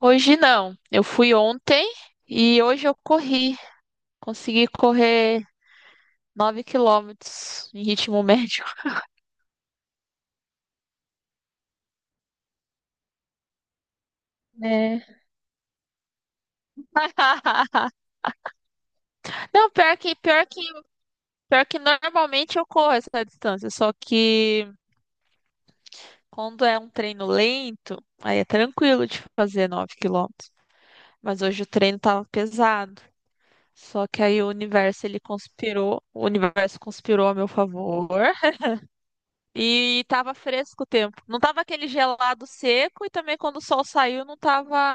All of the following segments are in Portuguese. Hoje não. Eu fui ontem e hoje eu corri. Consegui correr 9 quilômetros em ritmo médio. É. Não, pior que normalmente eu corro essa distância, só que quando é um treino lento, aí é tranquilo de fazer 9 quilômetros. Mas hoje o treino tava pesado. Só que aí o universo conspirou a meu favor. E tava fresco o tempo. Não tava aquele gelado seco e também quando o sol saiu não tava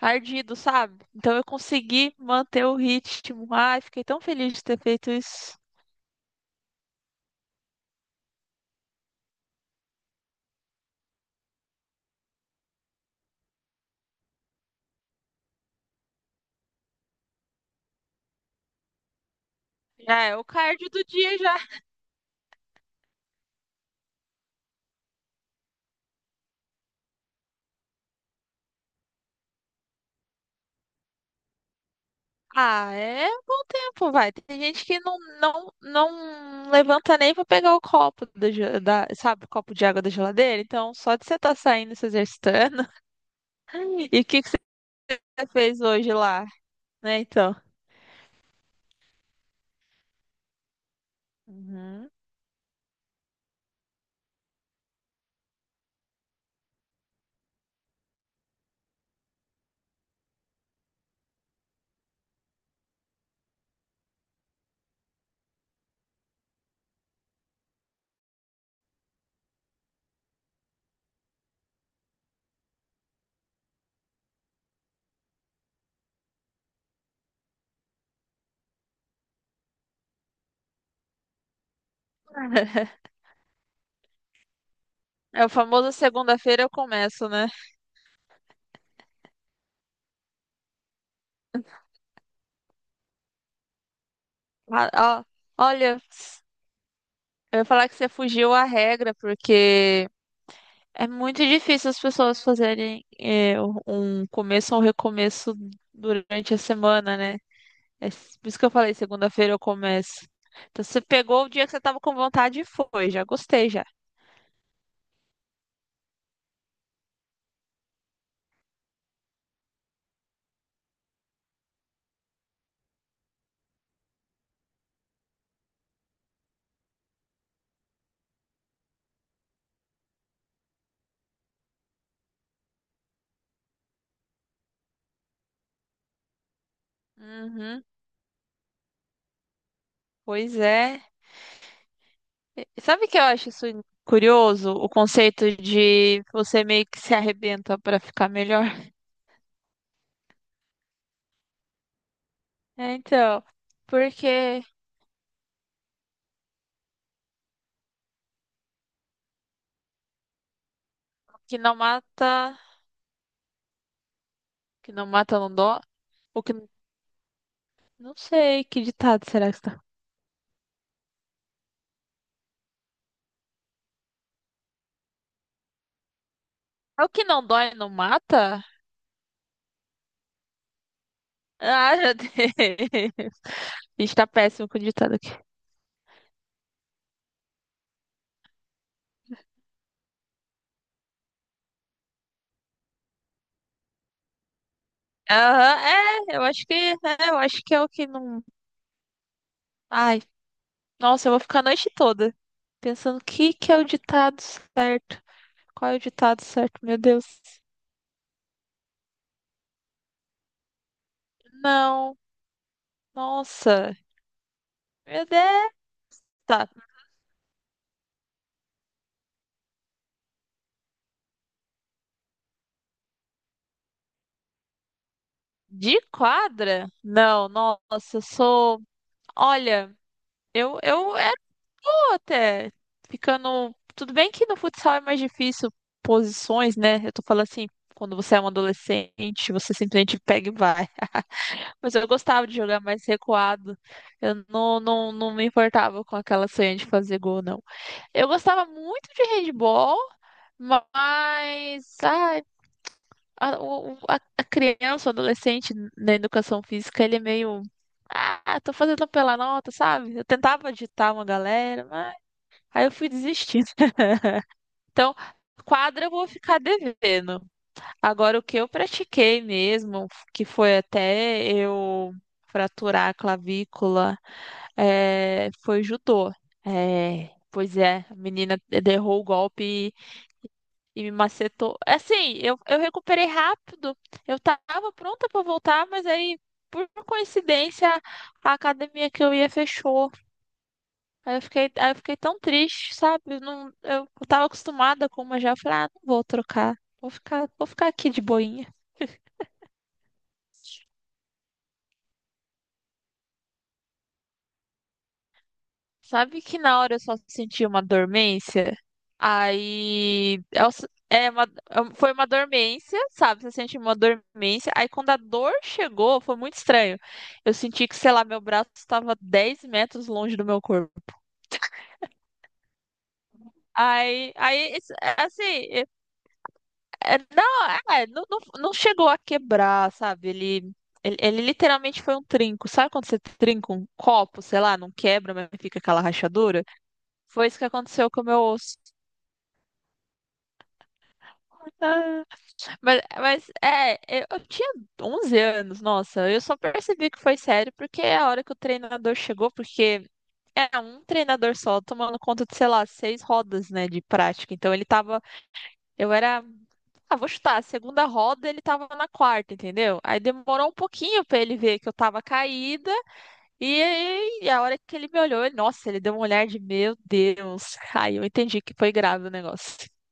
ardido, sabe? Então eu consegui manter o ritmo. Ai, fiquei tão feliz de ter feito isso. Já é o cardio do dia já. Ah, é bom tempo, vai. Tem gente que não, não, não levanta nem pra pegar o copo da, sabe, o copo de água da geladeira. Então, só de você estar saindo e se exercitando. E o que que você fez hoje lá, né? Então. Uhum. É o famoso segunda-feira eu começo, né? Ah, ó, olha, eu ia falar que você fugiu à regra, porque é muito difícil as pessoas fazerem um começo ou um recomeço durante a semana, né? É por isso que eu falei, segunda-feira eu começo. Então você pegou o dia que você tava com vontade e foi, já gostei já. Uhum, pois é. E sabe o que eu acho isso curioso? O conceito de você meio que se arrebenta para ficar melhor. É, então, porque o que não mata não dói. O que não sei que ditado será que está. É o que não dói não mata? Ah, já dei. Está péssimo com o ditado aqui. Aham, é, eu acho que, é, eu acho que é o que não. Ai, nossa, eu vou ficar a noite toda pensando o que que é o ditado certo. Qual é o ditado certo? Meu Deus. Não, nossa. Meu Deus. Tá. De quadra? Não, nossa, eu sou. Olha, eu era boa até. Ficando. Tudo bem que no futsal é mais difícil posições, né? Eu tô falando assim, quando você é um adolescente, você simplesmente pega e vai. Mas eu gostava de jogar mais recuado. Eu não, não, não me importava com aquela sonha de fazer gol, não. Eu gostava muito de handball, mas. Ah, A, a criança, o adolescente na educação física, ele é meio. Ah, tô fazendo pela nota, sabe? Eu tentava agitar uma galera, mas aí eu fui desistindo. Então, quadra eu vou ficar devendo. Agora, o que eu pratiquei mesmo, que foi até eu fraturar a clavícula, é, foi judô. É, pois é, a menina derrou o golpe e me macetou. É, assim, eu recuperei rápido. Eu tava pronta pra voltar, mas aí, por coincidência, a academia que eu ia fechou. Aí eu fiquei tão triste, sabe? Eu, não, eu tava acostumada com uma já. Eu falei, ah, não vou trocar. Vou ficar aqui de boinha. Sabe que na hora eu só senti uma dormência? Aí é, o- é uma- é um- foi uma dormência, sabe? Você sente uma dormência. Aí quando a dor chegou, foi muito estranho. Eu senti que, sei lá, meu braço estava 10 metros longe do meu corpo. Aí, aí, é, assim, não, é, é, não, não, não chegou a quebrar, sabe? Ele literalmente foi um trinco. Sabe quando você trinca um copo, sei lá, não quebra, mas fica aquela rachadura? Foi isso que aconteceu com o meu osso. Mas é, eu tinha 11 anos, nossa, eu só percebi que foi sério porque é a hora que o treinador chegou, porque é um treinador só tomando conta de, sei lá, seis rodas, né, de prática. Então ele tava, eu era, ah, vou chutar, a segunda roda ele tava na quarta, entendeu? Aí demorou um pouquinho pra ele ver que eu tava caída e, aí a hora que ele me olhou, nossa, ele deu um olhar de meu Deus. Aí eu entendi que foi grave o negócio.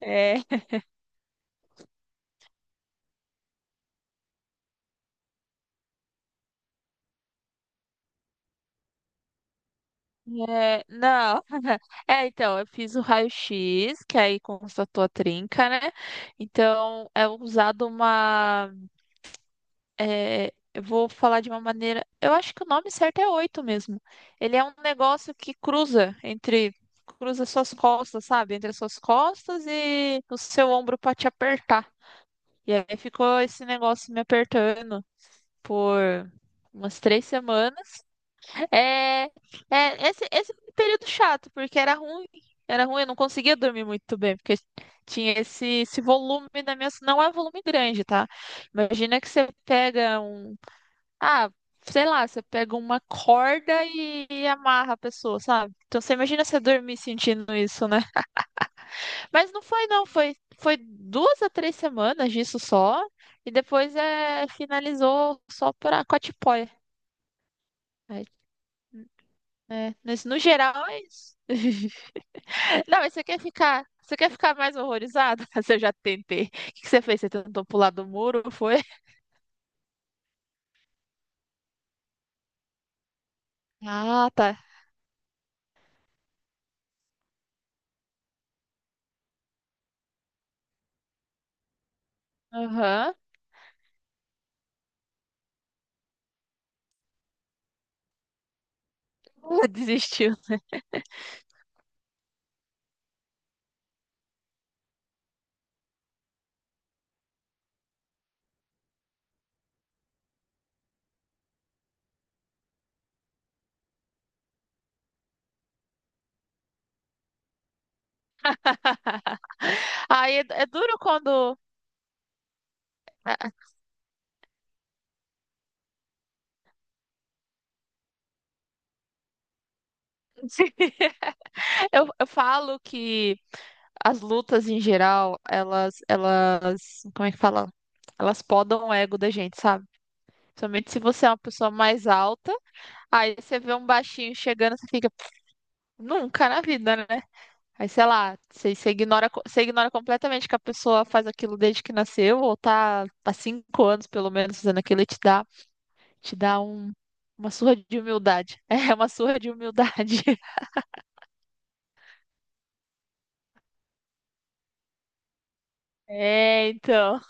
É, é, não. É, então, eu fiz o raio-x, que aí constatou a trinca, né? Então, é usado uma. É, eu vou falar de uma maneira. Eu acho que o nome certo é oito mesmo. Ele é um negócio que cruza entre. Cruza suas costas, sabe? Entre as suas costas e o seu ombro pra te apertar. E aí ficou esse negócio me apertando por umas 3 semanas. É, é esse foi um período chato, porque era ruim. Era ruim, eu não conseguia dormir muito bem, porque tinha esse volume na minha. Não é um volume grande, tá? Imagina que você pega um. Ah, sei lá, você pega uma corda e amarra a pessoa, sabe? Então você imagina você dormir sentindo isso, né? Mas não foi, não. Foi, foi 2 a 3 semanas disso só. E depois é, finalizou só pra Cotipoia. Aí, né? Mas no geral é isso. Não, mas você quer ficar mais horrorizada? Você já tentei. O que que você fez? Você tentou pular do muro, foi? Ah, tá. Aham. Desistiu. Aí é, é duro quando eu falo que as lutas em geral, elas, como é que fala? Elas podam o ego da gente, sabe? Principalmente se você é uma pessoa mais alta, aí você vê um baixinho chegando, você fica, nunca na vida, né? Aí, sei lá, você ignora, você ignora completamente que a pessoa faz aquilo desde que nasceu, ou tá há 5 anos, pelo menos, fazendo aquilo e te dá, te dá um, uma surra de humildade. É, uma surra de humildade. É, então.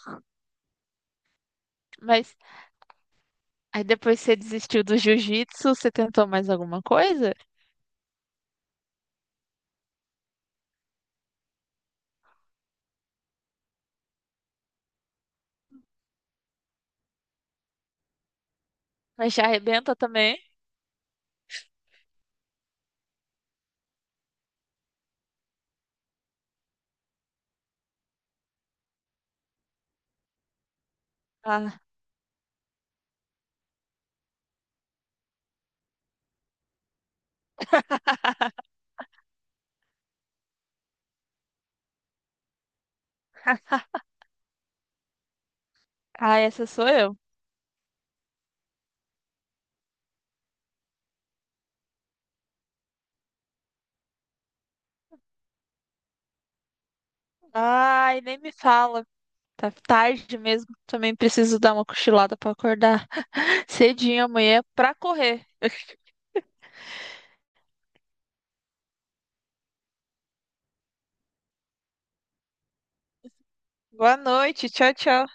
Mas aí depois você desistiu do jiu-jitsu, você tentou mais alguma coisa? Mas já arrebenta também. Ah, ah, essa sou eu. Ai, nem me fala. Tá tarde mesmo. Também preciso dar uma cochilada pra acordar cedinho amanhã pra correr. Boa noite, tchau, tchau.